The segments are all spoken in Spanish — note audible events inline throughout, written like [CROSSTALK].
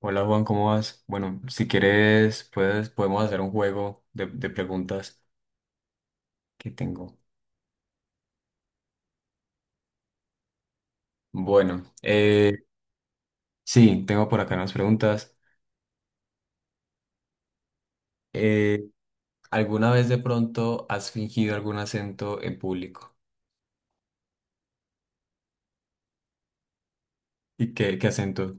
Hola Juan, ¿cómo vas? Bueno, si quieres, puedes, podemos hacer un juego de preguntas que tengo. Bueno, sí, tengo por acá unas preguntas. Eh, ¿alguna vez de pronto has fingido algún acento en público? ¿Y qué acento?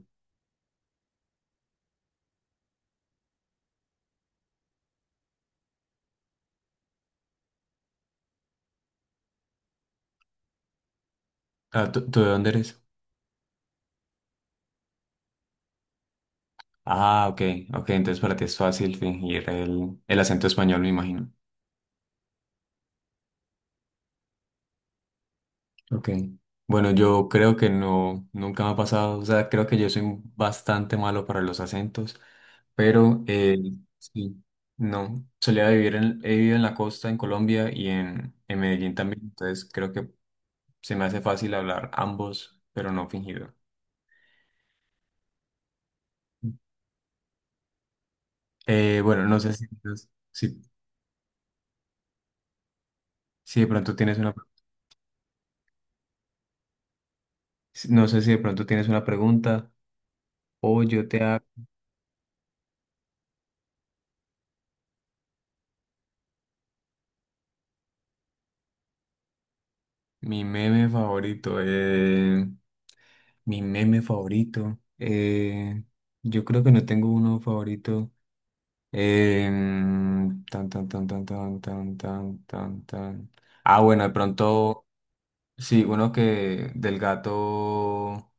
Ah, ¿tú de dónde eres? Ah, ok, ok, entonces para ti es fácil fingir el acento español, me imagino. Ok. bueno, yo creo que no, nunca me ha pasado, o sea, creo que yo soy bastante malo para los acentos, pero sí, no, solía vivir he vivido en la costa, en Colombia y en Medellín también, entonces creo que se me hace fácil hablar ambos, pero no fingido. Bueno, no sé si, si de pronto tienes una, no sé si de pronto tienes una pregunta o yo te hago. Mi meme favorito. Mi meme favorito. Yo creo que no tengo uno favorito. Tan, tan, tan, tan, tan. Ah, bueno, de pronto, sí, uno que del gato,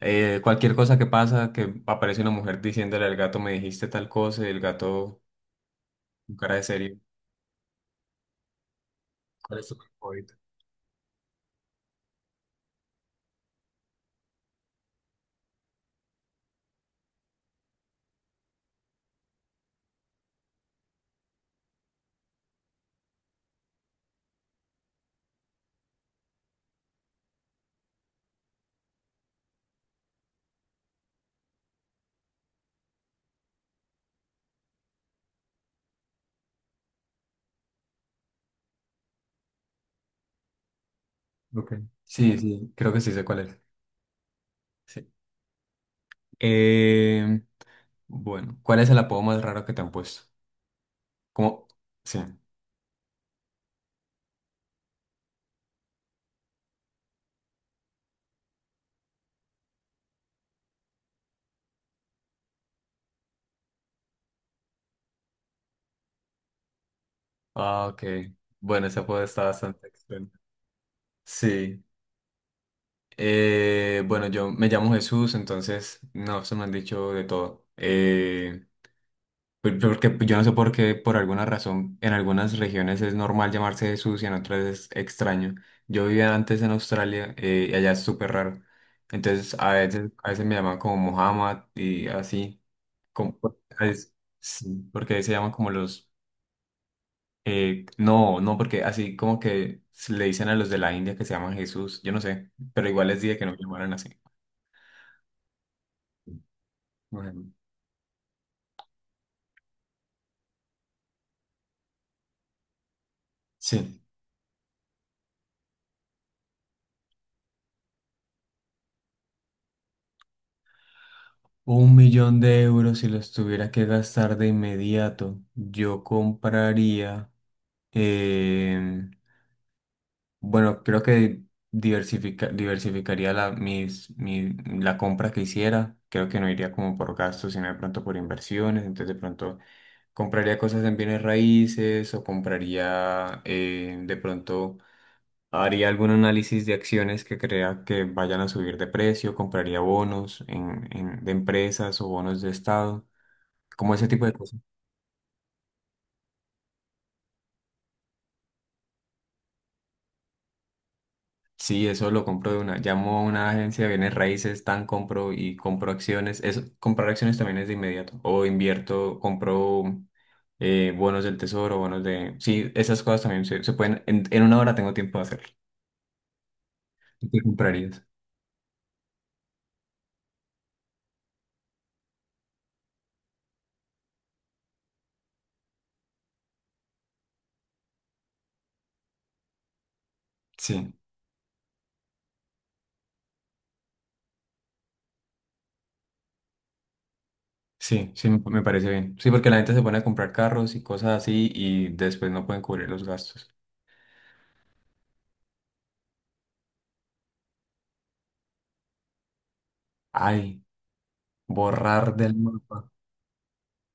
cualquier cosa que pasa, que aparece una mujer diciéndole al gato, me dijiste tal cosa, y el gato con cara de serio. ¿Cuál es tu meme favorito? Ok. Sí, sí, creo que sí sé cuál es. Sí. Em, bueno, ¿cuál es el apodo más raro que te han puesto? Como, sí. Ah, ok. Bueno, ese apodo está bastante extraño. Sí. Bueno, yo me llamo Jesús, entonces no se me han dicho de todo. Porque pues, yo no sé por qué, por alguna razón, en algunas regiones es normal llamarse Jesús y en otras es extraño. Yo vivía antes en Australia y allá es súper raro. Entonces a veces me llaman como Muhammad y así. Como, pues, es- sí, porque ahí se llaman como los. No, no, porque así como que se le dicen a los de la India que se llaman Jesús, yo no sé, pero igual les dije que no me llamaran así. Bueno, sí. Un millón de euros si los tuviera que gastar de inmediato, yo compraría, eh, bueno, creo que diversificaría la compra que hiciera, creo que no iría como por gastos, sino de pronto por inversiones, entonces de pronto compraría cosas en bienes raíces o compraría, de pronto. ¿Haría algún análisis de acciones que crea que vayan a subir de precio? ¿Compraría bonos de empresas o bonos de estado? Como ese tipo de cosas. Sí, eso lo compro de una. Llamo a una agencia de bienes raíces, tan compro y compro acciones. Eso, comprar acciones también es de inmediato. O invierto, compro bonos del tesoro, bonos de, sí, esas cosas también se pueden. En una hora tengo tiempo de hacerlo. ¿Qué comprarías? Sí. Sí, sí, me parece bien. Sí, porque la gente se pone a comprar carros y cosas así y después no pueden cubrir los gastos. Ay, borrar del mapa.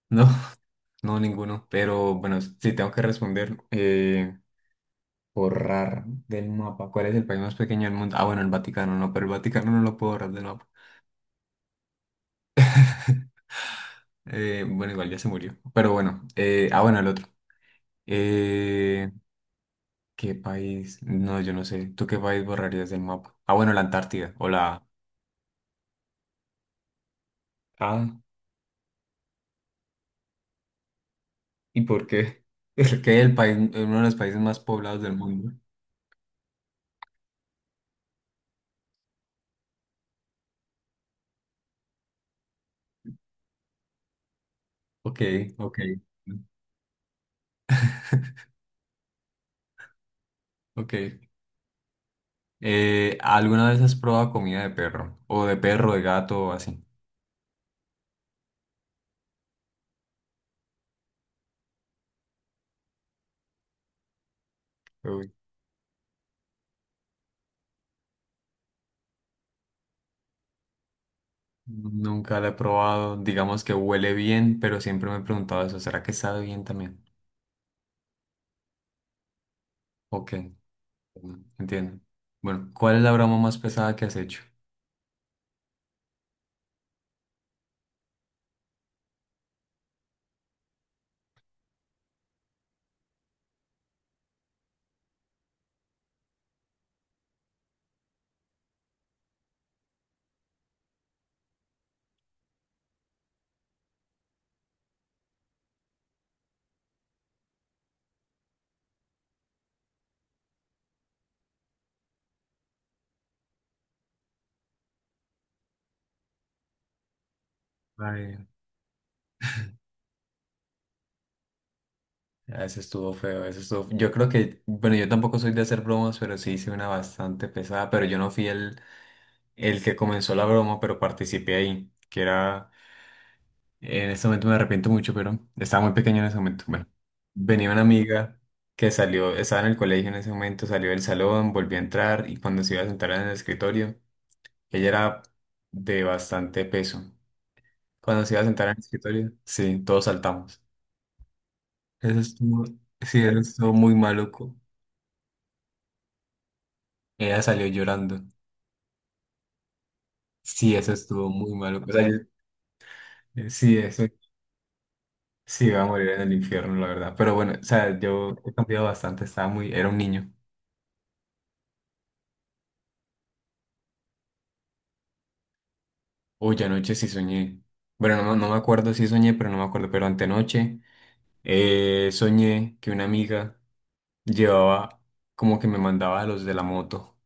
No, [LAUGHS] no, ninguno. Pero bueno, sí, tengo que responder. Borrar del mapa. ¿Cuál es el país más pequeño del mundo? Ah, bueno, el Vaticano, no, pero el Vaticano no lo puedo borrar del mapa. Bueno, igual ya se murió. Pero bueno, el otro. Eh, ¿qué país? No, yo no sé. ¿Tú qué país borrarías del mapa? Ah, bueno, la Antártida o la. Ah. ¿Y por qué? [LAUGHS] Porque el país, uno de los países más poblados del mundo. Ok, ok, ok. ¿Alguna vez has probado comida de perro? O de perro, de gato, o así. Uy, nunca la he probado. Digamos que huele bien, pero siempre me he preguntado eso. ¿Será que sabe bien también? Ok, bueno, entiendo. Bueno, ¿cuál es la broma más pesada que has hecho? Ay, ese estuvo feo, ese estuvo. Yo creo que, bueno, yo tampoco soy de hacer bromas, pero sí hice una bastante pesada, pero yo no fui el que comenzó la broma, pero participé ahí, que era, en este momento me arrepiento mucho, pero estaba muy pequeño en ese momento. Bueno, venía una amiga que salió, estaba en el colegio en ese momento, salió del salón, volvió a entrar y cuando se iba a sentar en el escritorio, ella era de bastante peso. Cuando se iba a sentar en el escritorio, sí, todos saltamos. Eso estuvo, sí, eso estuvo muy maluco. Ella salió llorando. Sí, eso estuvo muy maluco. O sea, sí, eso. Sí, va a morir en el infierno, la verdad. Pero bueno, o sea, yo he cambiado bastante, estaba muy, era un niño. Uy, anoche sí soñé. Bueno, no, no me acuerdo si soñé, pero no me acuerdo. Pero antenoche soñé que una amiga llevaba, como que me mandaba a los de la moto.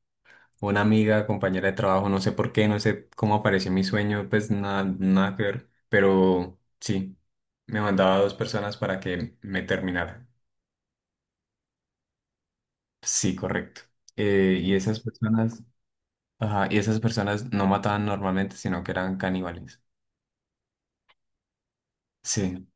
Una amiga, compañera de trabajo, no sé por qué, no sé cómo apareció en mi sueño, pues nada, nada que ver. Pero sí, me mandaba a dos personas para que me terminaran. Sí, correcto. Y esas personas. Ajá, y esas personas no mataban normalmente, sino que eran caníbales. Sí,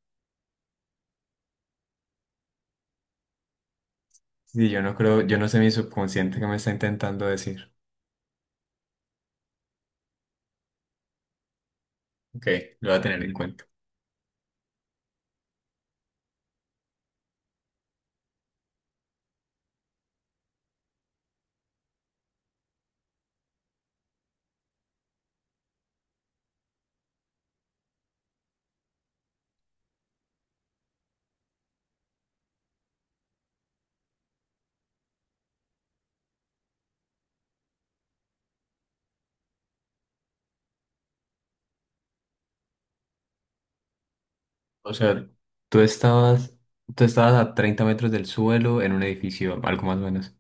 sí, yo no creo, yo no sé mi subconsciente que me está intentando decir. Ok, lo voy a tener en cuenta. O sea, tú estabas, tú estabas a 30 metros del suelo en un edificio, algo más o menos.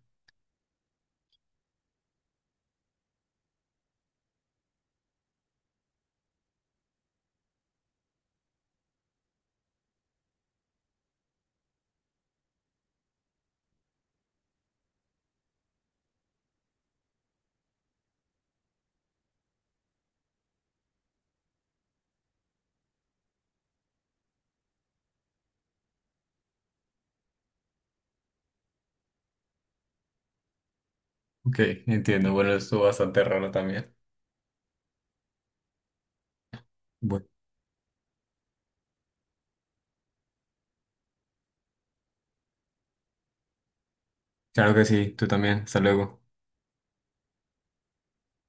Ok, entiendo. Bueno, estuvo bastante raro también. Bueno, claro que sí, tú también. Hasta luego.